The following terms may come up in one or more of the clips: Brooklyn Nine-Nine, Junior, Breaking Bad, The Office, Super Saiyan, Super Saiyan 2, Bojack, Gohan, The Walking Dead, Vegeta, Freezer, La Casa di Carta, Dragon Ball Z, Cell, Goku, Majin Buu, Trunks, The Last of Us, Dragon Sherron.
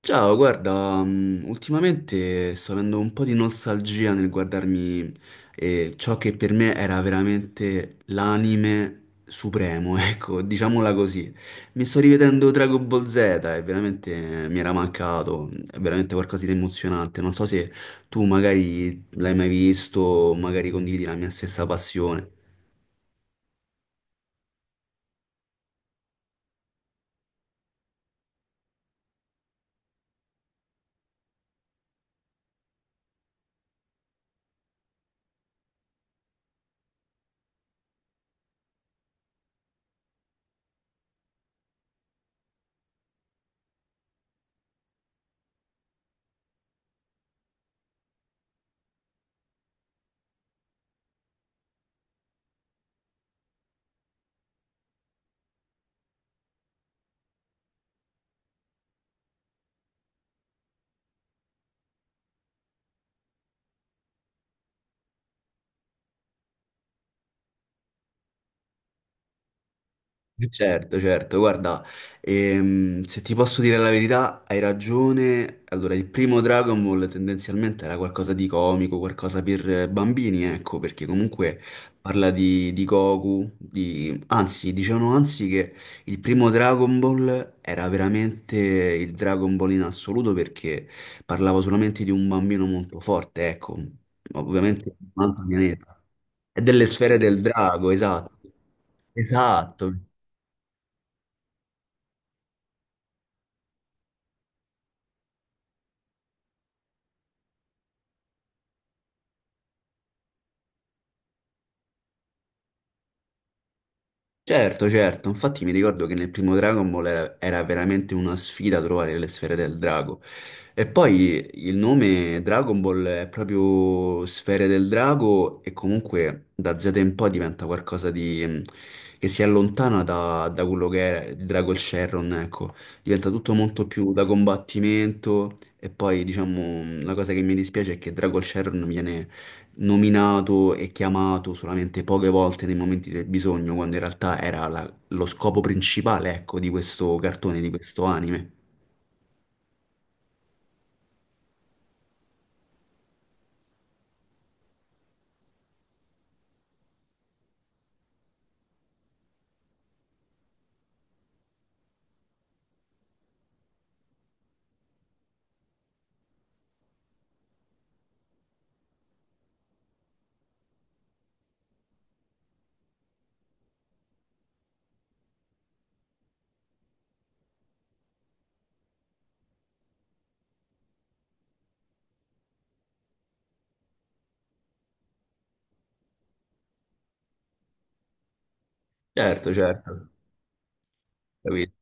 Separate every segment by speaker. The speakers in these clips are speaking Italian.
Speaker 1: Ciao, guarda, ultimamente sto avendo un po' di nostalgia nel guardarmi ciò che per me era veramente l'anime supremo, ecco, diciamola così. Mi sto rivedendo Dragon Ball Z e veramente mi era mancato, è veramente qualcosa di emozionante. Non so se tu magari l'hai mai visto, magari condividi la mia stessa passione. Certo, certo, guarda, se ti posso dire la verità, hai ragione. Allora, il primo Dragon Ball tendenzialmente era qualcosa di comico, qualcosa per bambini, ecco, perché comunque parla di Goku, di... anzi, dicevano anzi che il primo Dragon Ball era veramente il Dragon Ball in assoluto perché parlava solamente di un bambino molto forte, ecco, ovviamente di un altro pianeta, e delle sfere del drago, esatto. Esatto. Certo, certo, infatti mi ricordo che nel primo Dragon Ball era veramente una sfida trovare le sfere del drago. E poi il nome Dragon Ball è proprio sfere del drago e comunque da Z in poi diventa qualcosa di... che si allontana da quello che era il Dragon Sherron, ecco. Diventa tutto molto più da combattimento e poi diciamo la cosa che mi dispiace è che Dragon Sherron viene nominato e chiamato solamente poche volte nei momenti del bisogno, quando in realtà era lo scopo principale, ecco, di questo cartone, di questo anime. Certo, certo, capito.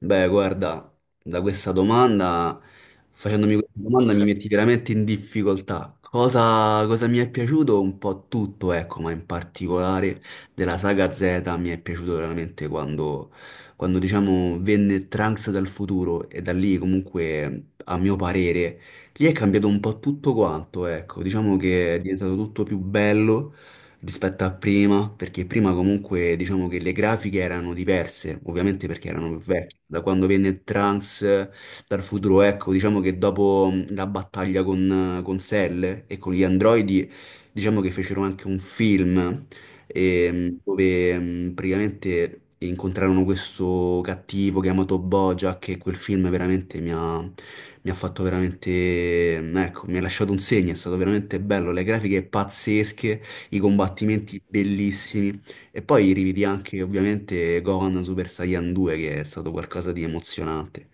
Speaker 1: Beh, guarda, facendomi questa domanda mi metti veramente in difficoltà. Cosa, cosa mi è piaciuto? Un po' tutto, ecco, ma in particolare della saga Z mi è piaciuto veramente quando, quando diciamo, venne Trunks dal futuro e da lì comunque, a mio parere, lì è cambiato un po' tutto quanto, ecco, diciamo che è diventato tutto più bello rispetto a prima, perché prima comunque diciamo che le grafiche erano diverse, ovviamente perché erano più vecchie. Da quando venne Trunks dal futuro, ecco, diciamo che dopo la battaglia con Cell e con gli androidi, diciamo che fecero anche un film dove praticamente incontrarono questo cattivo chiamato Bojack e quel film veramente mi ha fatto veramente, ecco, mi ha lasciato un segno, è stato veramente bello, le grafiche pazzesche, i combattimenti bellissimi. E poi rividi anche ovviamente Gohan Super Saiyan 2 che è stato qualcosa di emozionante.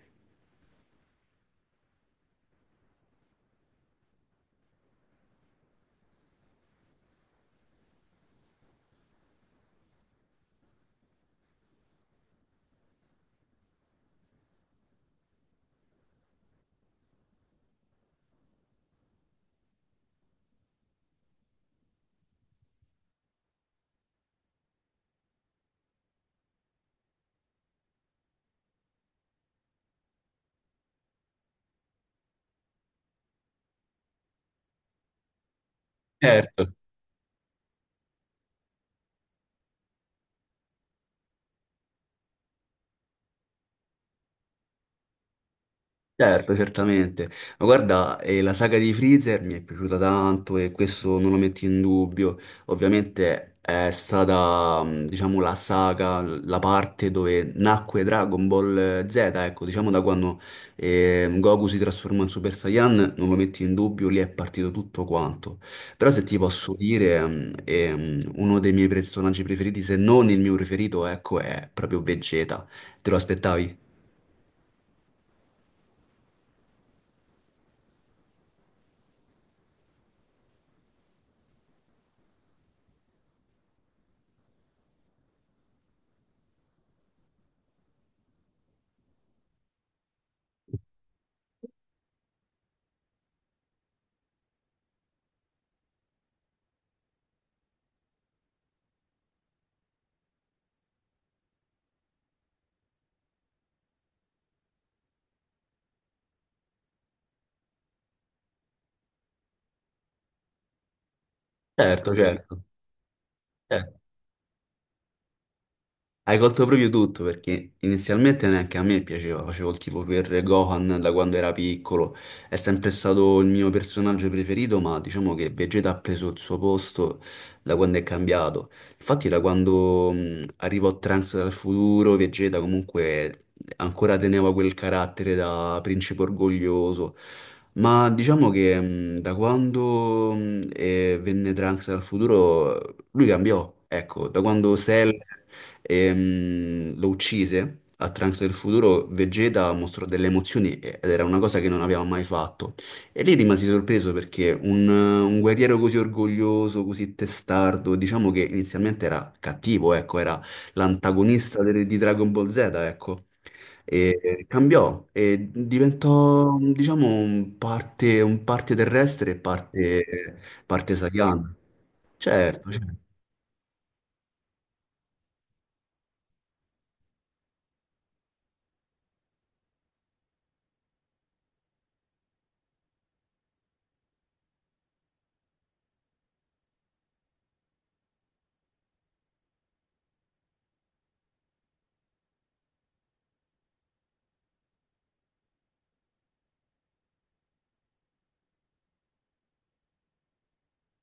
Speaker 1: Certo. Certo, certamente. Ma guarda, la saga di Freezer mi è piaciuta tanto e questo non lo metto in dubbio. Ovviamente è stata, diciamo, la saga, la parte dove nacque Dragon Ball Z, ecco, diciamo da quando Goku si trasformò in Super Saiyan, non lo metto in dubbio, lì è partito tutto quanto. Però se ti posso dire, uno dei miei personaggi preferiti, se non il mio preferito, ecco, è proprio Vegeta. Te lo aspettavi? Certo, certo. Hai colto proprio tutto perché inizialmente neanche a me piaceva, facevo il tifo per Gohan da quando era piccolo, è sempre stato il mio personaggio preferito, ma diciamo che Vegeta ha preso il suo posto da quando è cambiato. Infatti da quando arrivò Trunks dal futuro, Vegeta comunque ancora teneva quel carattere da principe orgoglioso, ma diciamo che da quando venne Trunks dal futuro lui cambiò, ecco, da quando Cell... lo uccise. A Trunks del futuro Vegeta mostrò delle emozioni ed era una cosa che non aveva mai fatto. E lì rimasi sorpreso perché un guerriero così orgoglioso, così testardo, diciamo che inizialmente era cattivo, ecco, era l'antagonista di Dragon Ball Z, ecco. E cambiò e diventò, diciamo, un parte terrestre e parte, parte Saiyan. Certo, certo.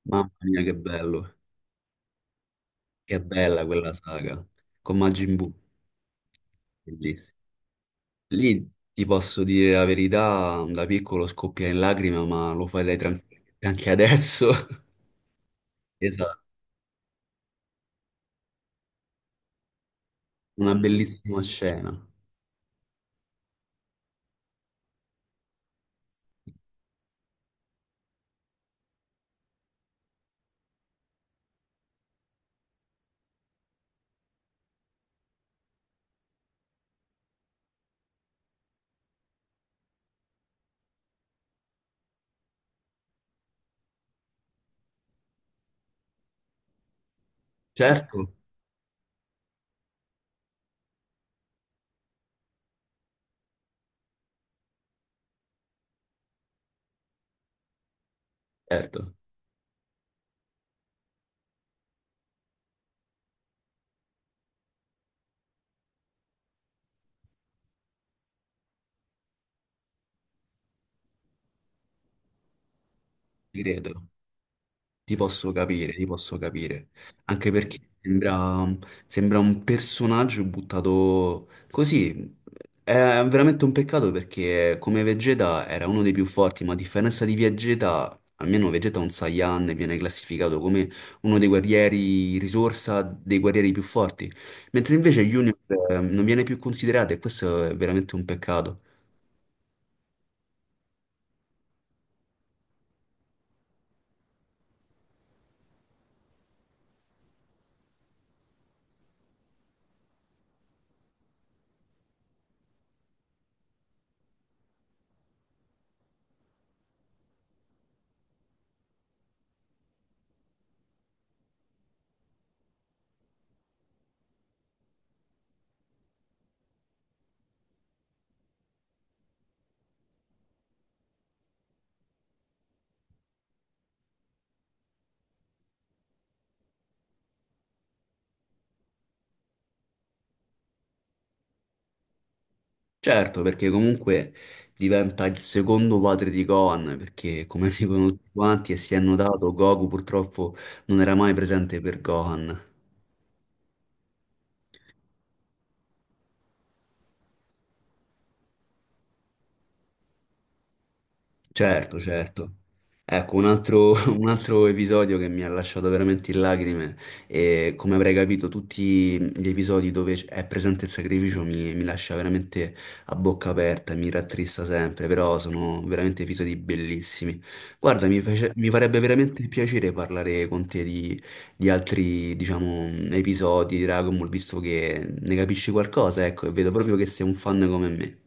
Speaker 1: Mamma mia, che bello. Che bella quella saga con Majin Buu, bellissima. Lì ti posso dire la verità, da piccolo scoppia in lacrime, ma lo farei tranquillamente anche adesso. Esatto, una bellissima scena. Certo, certo, ti credo. Ti posso capire, ti posso capire. Anche perché sembra, sembra un personaggio buttato così. È veramente un peccato perché come Vegeta era uno dei più forti, ma a differenza di Vegeta, almeno Vegeta è un Saiyan e viene classificato come uno dei guerrieri risorsa, dei guerrieri più forti. Mentre invece Junior non viene più considerato e questo è veramente un peccato. Certo, perché comunque diventa il secondo padre di Gohan, perché come dicono tutti quanti e si è notato, Goku purtroppo non era mai presente per Gohan. Certo, certo. Ecco, un altro, un altro episodio che mi ha lasciato veramente in lacrime e come avrei capito tutti gli episodi dove è presente il sacrificio mi, mi lascia veramente a bocca aperta, mi rattrista sempre, però sono veramente episodi bellissimi. Guarda, mi, mi farebbe veramente piacere parlare con te di altri, diciamo, episodi di Dragon Ball, visto che ne capisci qualcosa, ecco, e vedo proprio che sei un fan come me.